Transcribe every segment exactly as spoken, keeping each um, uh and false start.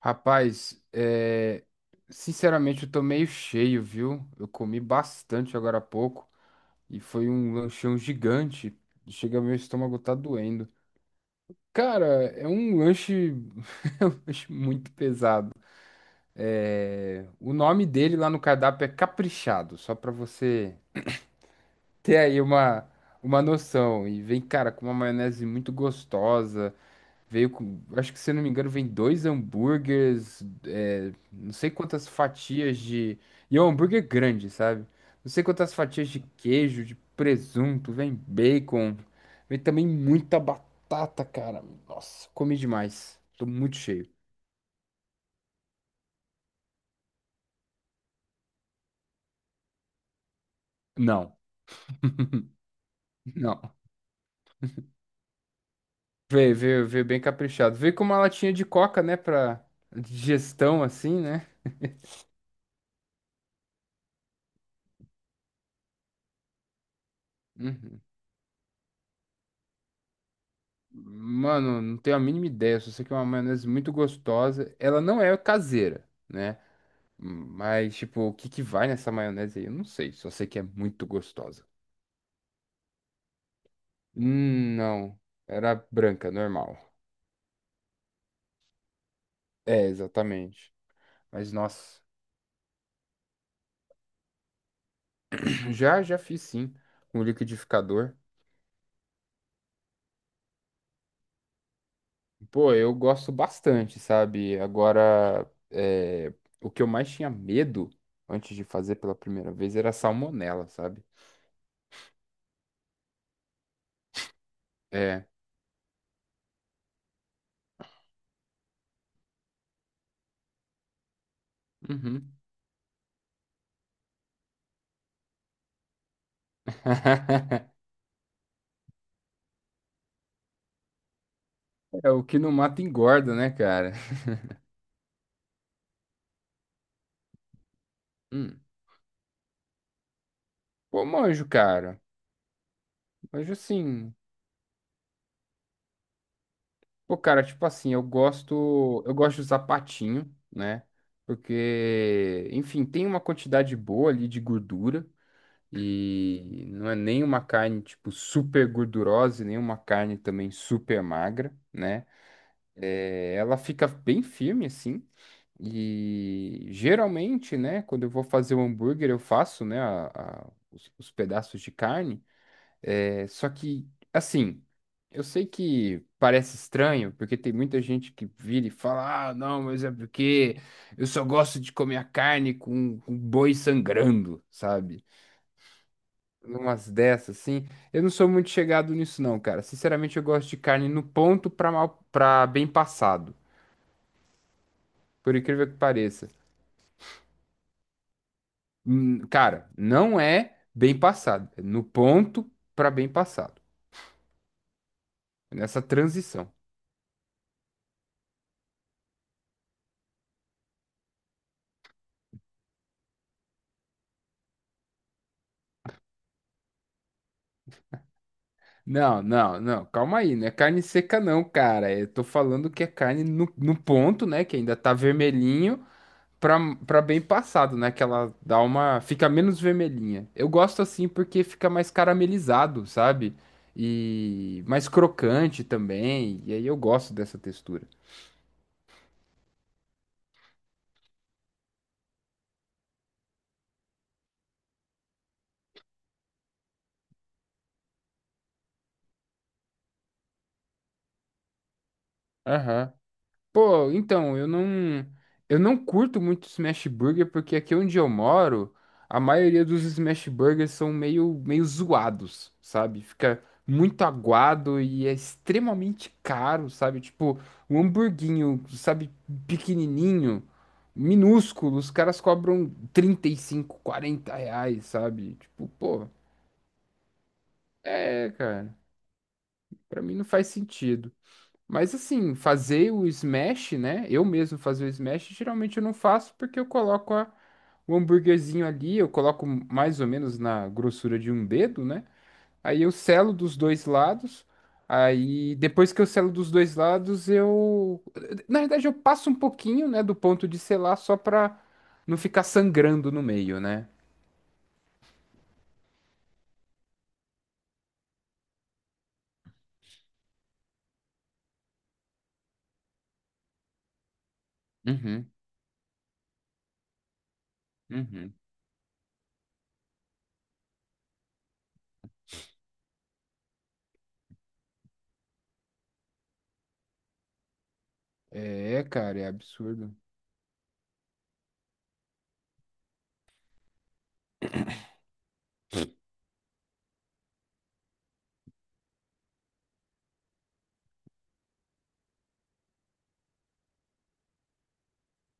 Rapaz, é, sinceramente eu tô meio cheio, viu? Eu comi bastante agora há pouco e foi um lanchão gigante. Chega, meu estômago tá doendo. Cara, é um lanche, é um lanche muito pesado. É, o nome dele lá no cardápio é Caprichado, só pra você ter aí uma, uma noção. E vem, cara, com uma maionese muito gostosa. Veio com, acho que se eu não me engano, vem dois hambúrgueres, é, não sei quantas fatias de. E é um hambúrguer grande, sabe? Não sei quantas fatias de queijo, de presunto, vem bacon, vem também muita batata, cara. Nossa, comi demais. Tô muito cheio. Não, não. Veio, veio, veio bem caprichado. Veio com uma latinha de coca, né, pra digestão, assim, né? Uhum. Mano, não tenho a mínima ideia. Só sei que é uma maionese muito gostosa. Ela não é caseira, né? Mas, tipo, o que que vai nessa maionese aí? Eu não sei, só sei que é muito gostosa. Hum, não. Era branca, normal. É, exatamente. Mas, nossa, já, já fiz sim, com liquidificador. Pô, eu gosto bastante, sabe? Agora, é, o que eu mais tinha medo antes de fazer pela primeira vez era salmonela, sabe? É. Uhum. É, o que não mata engorda, né, cara? Hum. Pô, manjo, cara. Manjo sim. Pô, cara, tipo assim, eu gosto, eu gosto de usar patinho, né? Porque, enfim, tem uma quantidade boa ali de gordura e não é nem uma carne tipo super gordurosa, e nem uma carne também super magra, né? Ela fica bem firme assim. E geralmente, né, quando eu vou fazer o hambúrguer, eu faço, né, a- a- os, os pedaços de carne. É, só que, assim, eu sei que parece estranho, porque tem muita gente que vira e fala: ah, não, mas é porque eu só gosto de comer a carne com, com boi sangrando, sabe? Umas dessas, assim. Eu não sou muito chegado nisso, não, cara. Sinceramente, eu gosto de carne no ponto pra, mal, pra bem passado, por incrível que pareça. Hum, cara, não é bem passado, é no ponto pra bem passado, nessa transição. Não, não, não, calma aí, não é carne seca não, cara. Eu tô falando que é carne no, no ponto, né? Que ainda tá vermelhinho pra, pra bem passado, né? Que ela dá uma. Fica menos vermelhinha. Eu gosto assim porque fica mais caramelizado, sabe? E mais crocante também. E aí eu gosto dessa textura. Aham. Pô, então, eu não, eu não curto muito Smash Burger porque aqui onde eu moro, a maioria dos Smash Burgers são meio, meio zoados, sabe? Fica muito aguado e é extremamente caro, sabe? Tipo, um hamburguinho, sabe, pequenininho, minúsculo, os caras cobram trinta e cinco quarenta reais, sabe? Tipo, pô, é, cara, pra mim não faz sentido. Mas assim, fazer o smash, né? Eu mesmo fazer o smash, geralmente eu não faço porque eu coloco a- o hambúrguerzinho ali, eu coloco mais ou menos na grossura de um dedo, né? Aí eu selo dos dois lados. Aí depois que eu selo dos dois lados, eu na verdade eu passo um pouquinho, né, do ponto de selar só pra não ficar sangrando no meio, né? Uhum, uhum. É, cara, é absurdo.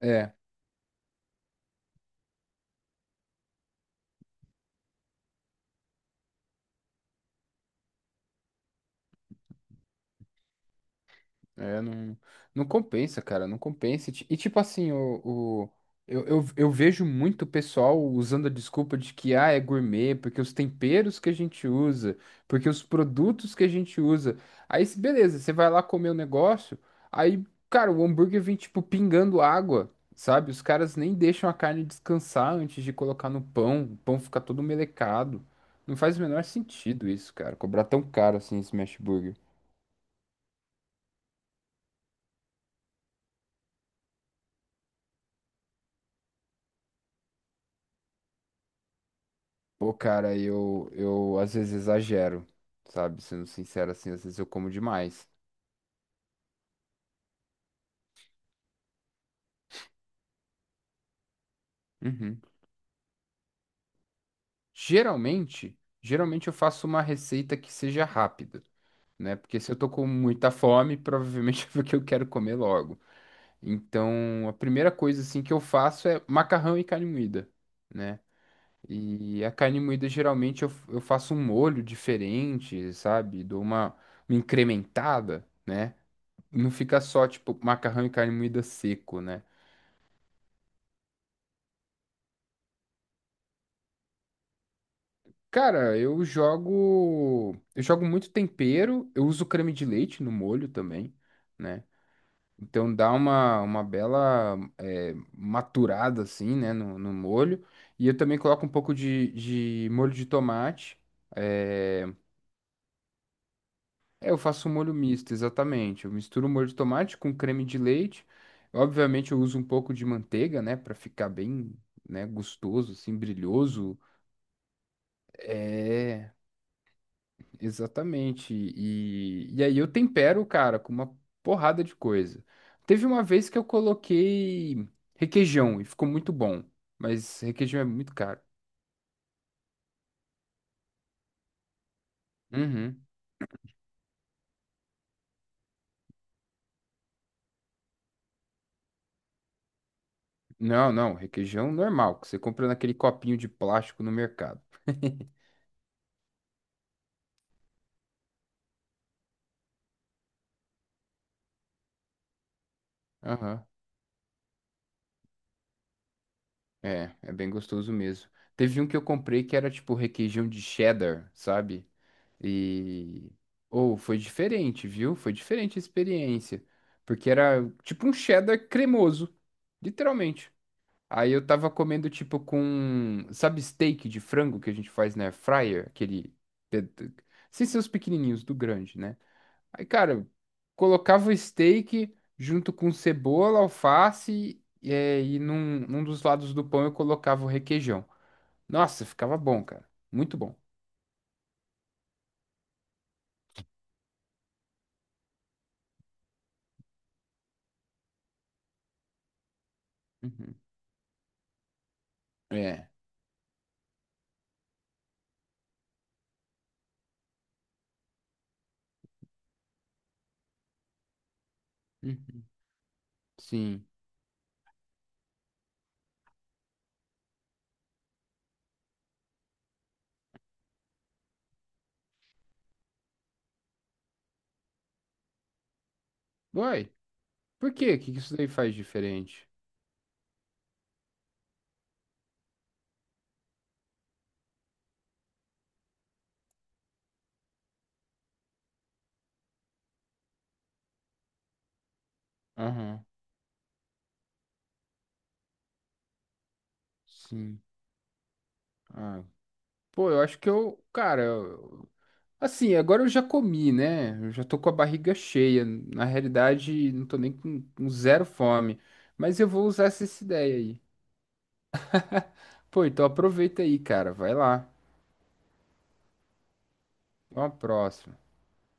É, É, não, não compensa, cara, não compensa. E, ti- e tipo assim, o, o- eu, eu, eu vejo muito pessoal usando a desculpa de que, ah, é gourmet, porque os temperos que a gente usa, porque os produtos que a gente usa. Aí, se- beleza, você vai lá comer o negócio, aí, cara, o hambúrguer vem, tipo, pingando água, sabe? Os caras nem deixam a carne descansar antes de colocar no pão, o pão fica todo melecado. Não faz o menor sentido isso, cara, cobrar tão caro assim esse smash burger. Pô, cara, eu, eu às vezes exagero, sabe? Sendo sincero assim, às vezes eu como demais. Uhum. Geralmente, geralmente eu faço uma receita que seja rápida, né? Porque se eu tô com muita fome, provavelmente é porque eu quero comer logo. Então, a primeira coisa assim que eu faço é macarrão e carne moída, né? E a carne moída geralmente eu, eu faço um molho diferente, sabe? Dou uma, uma incrementada, né? Não fica só tipo macarrão e carne moída seco, né? Cara, eu jogo. Eu jogo muito tempero, eu uso creme de leite no molho também, né? Então dá uma, uma bela é, maturada assim, né, no, no molho. E eu também coloco um pouco de, de molho de tomate. É... é, eu faço um molho misto, exatamente. Eu misturo o molho de tomate com creme de leite. Obviamente eu uso um pouco de manteiga, né, pra ficar bem, né, gostoso, assim, brilhoso. É. Exatamente. E, e aí eu tempero, cara, com uma porrada de coisa. Teve uma vez que eu coloquei requeijão e ficou muito bom, mas requeijão é muito caro. Uhum. Não, não, requeijão normal, que você compra naquele copinho de plástico no mercado. Aham. É, é bem gostoso mesmo. Teve um que eu comprei que era tipo requeijão de cheddar, sabe? E. Ou foi diferente, viu? Foi diferente a experiência. Porque era tipo um cheddar cremoso. Literalmente. Aí eu tava comendo tipo com. Sabe, steak de frango que a gente faz na air fryer? Aquele. pe- Sem ser os pequenininhos, do grande, né? Aí, cara, colocava o steak junto com cebola, alface. E, é, e num, num dos lados do pão eu colocava o requeijão. Nossa, ficava bom, cara. Muito bom. Uhum. É. Uhum. Sim. Uai, por quê? O que que isso daí faz diferente? Aham, sim. Ah, pô, eu acho que eu, cara, eu- assim, agora eu já comi, né? Eu já tô com a barriga cheia. Na realidade, não tô nem com, com zero fome. Mas eu vou usar essa, essa ideia aí. Pô, então aproveita aí, cara. Vai lá. Até uma próxima.